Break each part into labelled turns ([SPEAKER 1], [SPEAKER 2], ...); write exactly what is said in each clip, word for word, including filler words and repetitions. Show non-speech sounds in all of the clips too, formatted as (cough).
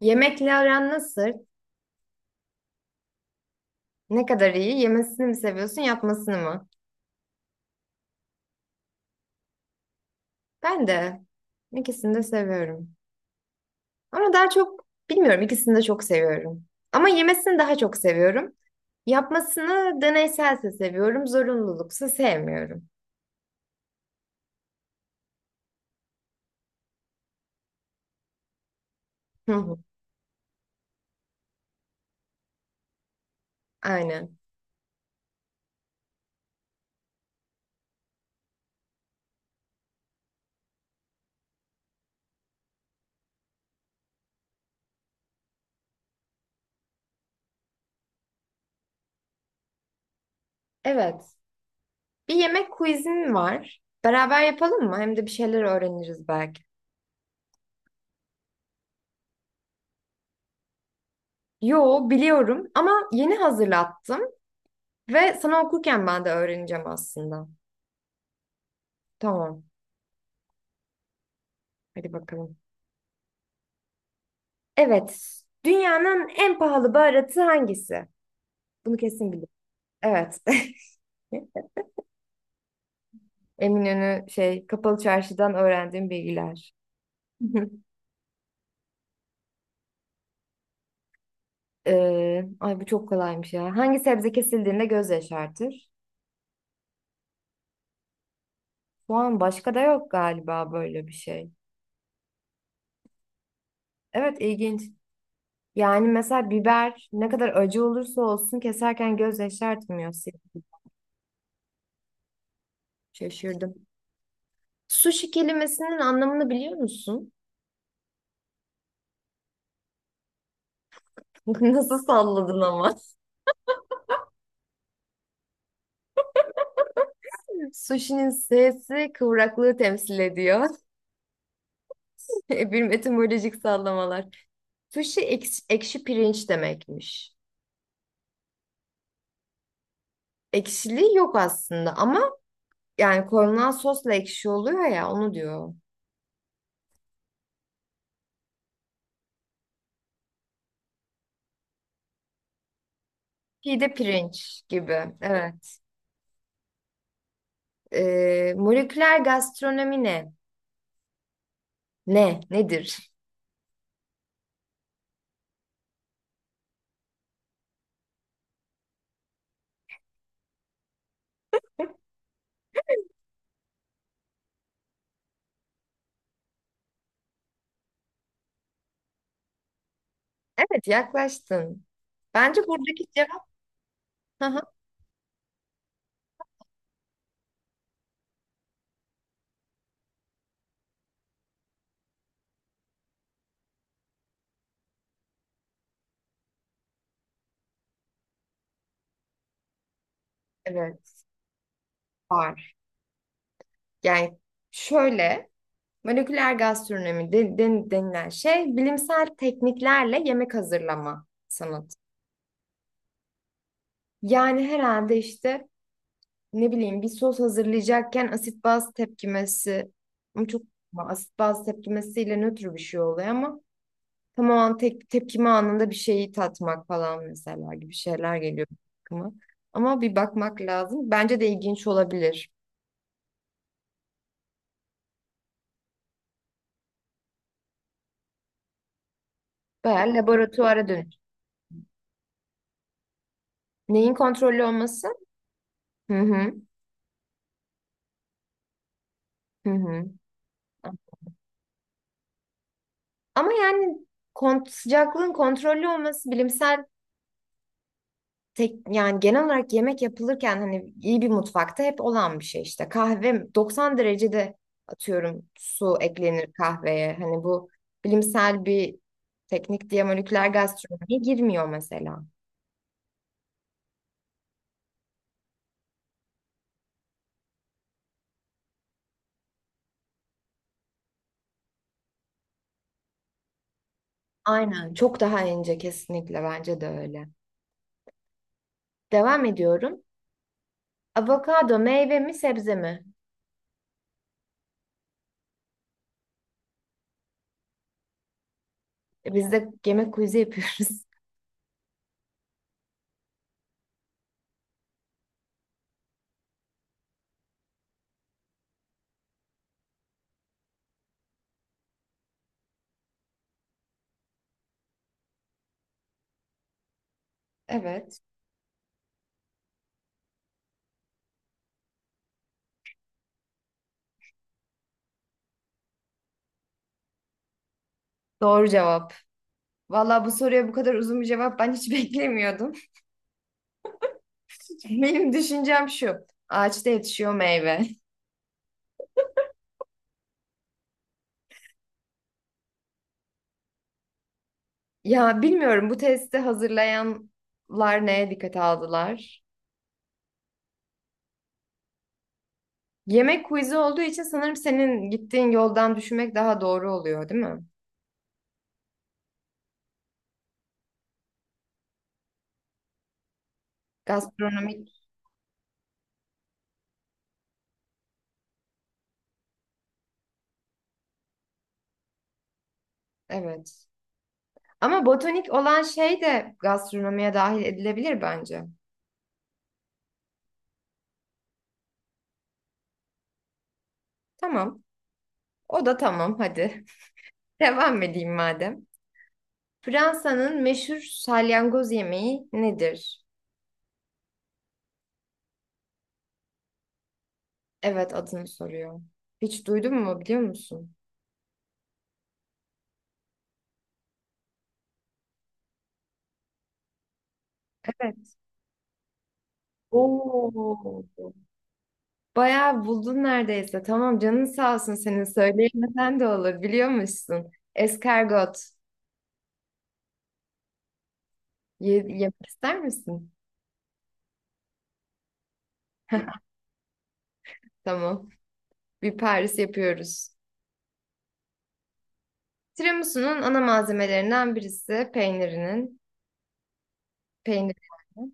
[SPEAKER 1] Yemekle aran nasıl? Ne kadar iyi? Yemesini mi seviyorsun, yapmasını mı? Ben de ikisini de seviyorum. Ama daha çok bilmiyorum, ikisini de çok seviyorum. Ama yemesini daha çok seviyorum. Yapmasını deneyselse seviyorum, zorunluluksa sevmiyorum. Hı hı. Aynen. Evet. Bir yemek quizim var. Beraber yapalım mı? Hem de bir şeyler öğreniriz belki. Yo, biliyorum ama yeni hazırlattım ve sana okurken ben de öğreneceğim aslında. Tamam. Hadi bakalım. Evet. Dünyanın en pahalı baharatı hangisi? Bunu kesin bilirim. Evet. (laughs) Eminönü şey kapalı çarşıdan öğrendiğim bilgiler. (laughs) Ee, ay bu çok kolaymış ya. Hangi sebze kesildiğinde göz yaşartır? Soğan, başka da yok galiba böyle bir şey. Evet, ilginç. Yani mesela biber ne kadar acı olursa olsun keserken göz yaşartmıyor. Şaşırdım. Sushi kelimesinin anlamını biliyor musun? (laughs) Nasıl salladın ama? Sushi'nin S'si kıvraklığı temsil ediyor. (laughs) Bir etimolojik sallamalar. Sushi ekşi, ekşi pirinç demekmiş. Ekşiliği yok aslında ama yani konulan sosla ekşi oluyor ya, onu diyor. Pide pirinç gibi. Evet. Ee, moleküler gastronomi ne? Ne? Nedir? (laughs) Evet, yaklaştın. Bence buradaki cevap (laughs) hı hı. Evet, var. Yani şöyle, moleküler gastronomi de- den- denilen şey bilimsel tekniklerle yemek hazırlama sanatı. Yani herhalde işte ne bileyim bir sos hazırlayacakken asit baz tepkimesi, ama çok asit baz tepkimesiyle nötr bir şey oluyor ama tamamen tek, tepkime anında bir şeyi tatmak falan mesela gibi şeyler geliyor aklıma. Ama bir bakmak lazım. Bence de ilginç olabilir. Bayağı laboratuvara dönüş. Neyin kontrollü olması? Hı hı. Hı hı. Ama yani kont sıcaklığın kontrollü olması bilimsel tek yani genel olarak yemek yapılırken hani iyi bir mutfakta hep olan bir şey işte. Kahve doksan derecede atıyorum su eklenir kahveye. Hani bu bilimsel bir teknik diye moleküler gastronomiye girmiyor mesela. Aynen, çok daha ince, kesinlikle bence de öyle. Devam ediyorum. Avokado meyve mi sebze mi? Bizde yemek quiz'i yapıyoruz. (laughs) Evet. Doğru cevap. Valla bu soruya bu kadar uzun bir cevap ben hiç beklemiyordum. (laughs) Benim düşüncem şu. Ağaçta yetişiyor meyve. (laughs) Ya bilmiyorum, bu testi hazırlayanlar neye dikkate aldılar? Yemek quiz'i olduğu için sanırım senin gittiğin yoldan düşünmek daha doğru oluyor, değil mi? Gastronomik, evet. Ama botanik olan şey de gastronomiye dahil edilebilir bence. Tamam. O da tamam hadi. (laughs) Devam edeyim madem. Fransa'nın meşhur salyangoz yemeği nedir? Evet, adını soruyor. Hiç duydun mu, biliyor musun? Evet. Oo. Bayağı buldun neredeyse. Tamam, canın sağ olsun, senin söyleyemesen de olur, biliyormuşsun. Eskargot. Ye, yemek ister misin? Tamam. Bir Paris yapıyoruz. Tiramisu'nun ana malzemelerinden birisi peynirinin. Peynir, yani.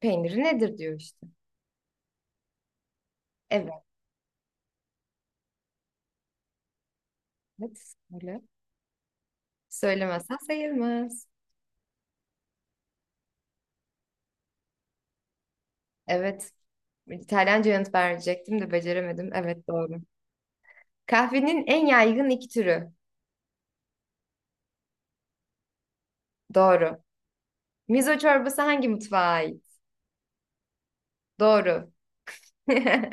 [SPEAKER 1] Peyniri nedir diyor işte. Evet. Evet. Söyle. Söylemezsen sayılmaz. Evet. İtalyanca yanıt verecektim de beceremedim. Evet, doğru. Kahvenin en yaygın iki türü. Doğru. Mizo çorbası hangi mutfağa ait? Doğru. (laughs)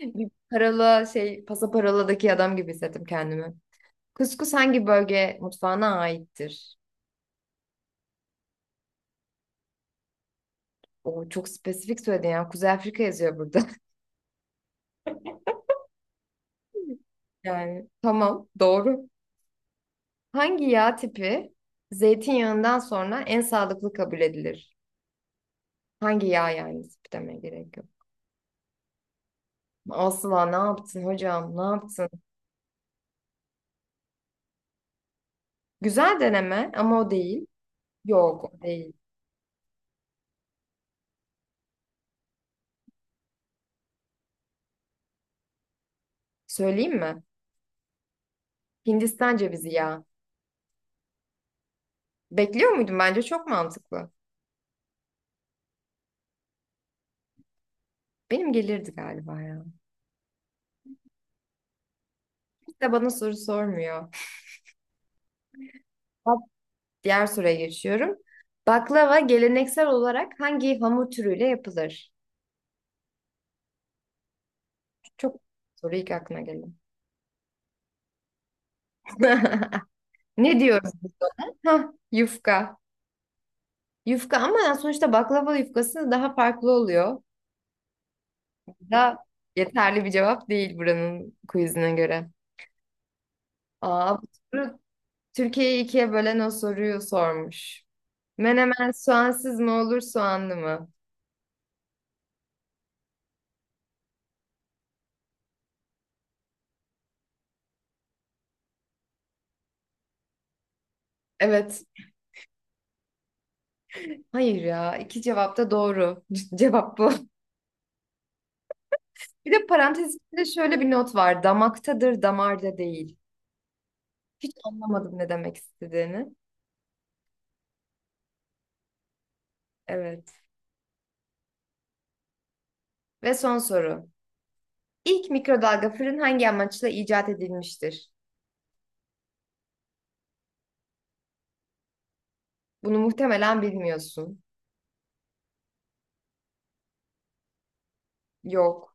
[SPEAKER 1] Bir parola şey pasaparoladaki adam gibi hissettim kendimi. Kuskus hangi bölge mutfağına aittir? O çok spesifik söyledin ya. Kuzey Afrika yazıyor burada. (laughs) Yani tamam, doğru. Hangi yağ tipi zeytinyağından sonra en sağlıklı kabul edilir? Hangi yağ yani, tipi demeye gerek yok. Asla, ne yaptın hocam, ne yaptın? Güzel deneme ama o değil. Yok, o değil. Söyleyeyim mi? Hindistan cevizi ya. Bekliyor muydun? Bence çok mantıklı. Benim gelirdi galiba ya. Hiç de bana soru sormuyor. Bak, diğer soruya geçiyorum. Baklava geleneksel olarak hangi hamur türüyle yapılır? Çok soru ilk aklına gelen. (laughs) Ne diyoruz biz ona? Hah, yufka. Yufka, ama yani sonuçta baklava yufkası daha farklı oluyor. Da yeterli bir cevap değil buranın quizine göre. Aa, bu soru Türkiye'yi ikiye bölen o soruyu sormuş. Menemen soğansız mı olur, soğanlı mı? Evet. Hayır ya. İki cevap da doğru. (laughs) Cevap bu. Bir de parantez içinde şöyle bir not var. Damaktadır, damarda değil. Hiç anlamadım ne demek istediğini. Evet. Ve son soru. İlk mikrodalga fırın hangi amaçla icat edilmiştir? Bunu muhtemelen bilmiyorsun. Yok.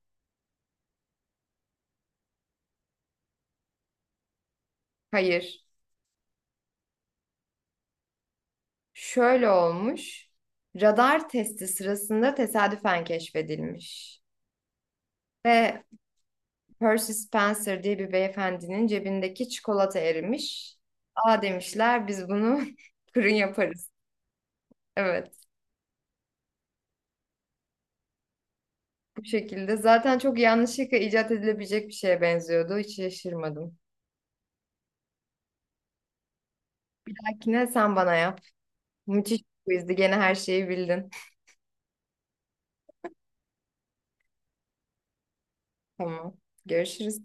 [SPEAKER 1] Hayır. Şöyle olmuş. Radar testi sırasında tesadüfen keşfedilmiş. Ve Percy Spencer diye bir beyefendinin cebindeki çikolata erimiş. Aa, demişler, biz bunu (laughs) fırın yaparız. Evet, bu şekilde. Zaten çok yanlışlıkla icat edilebilecek bir şeye benziyordu. Hiç şaşırmadım. Makine sen bana yap. Müthiş bir quizdi. Gene her şeyi bildin. Tamam. Görüşürüz.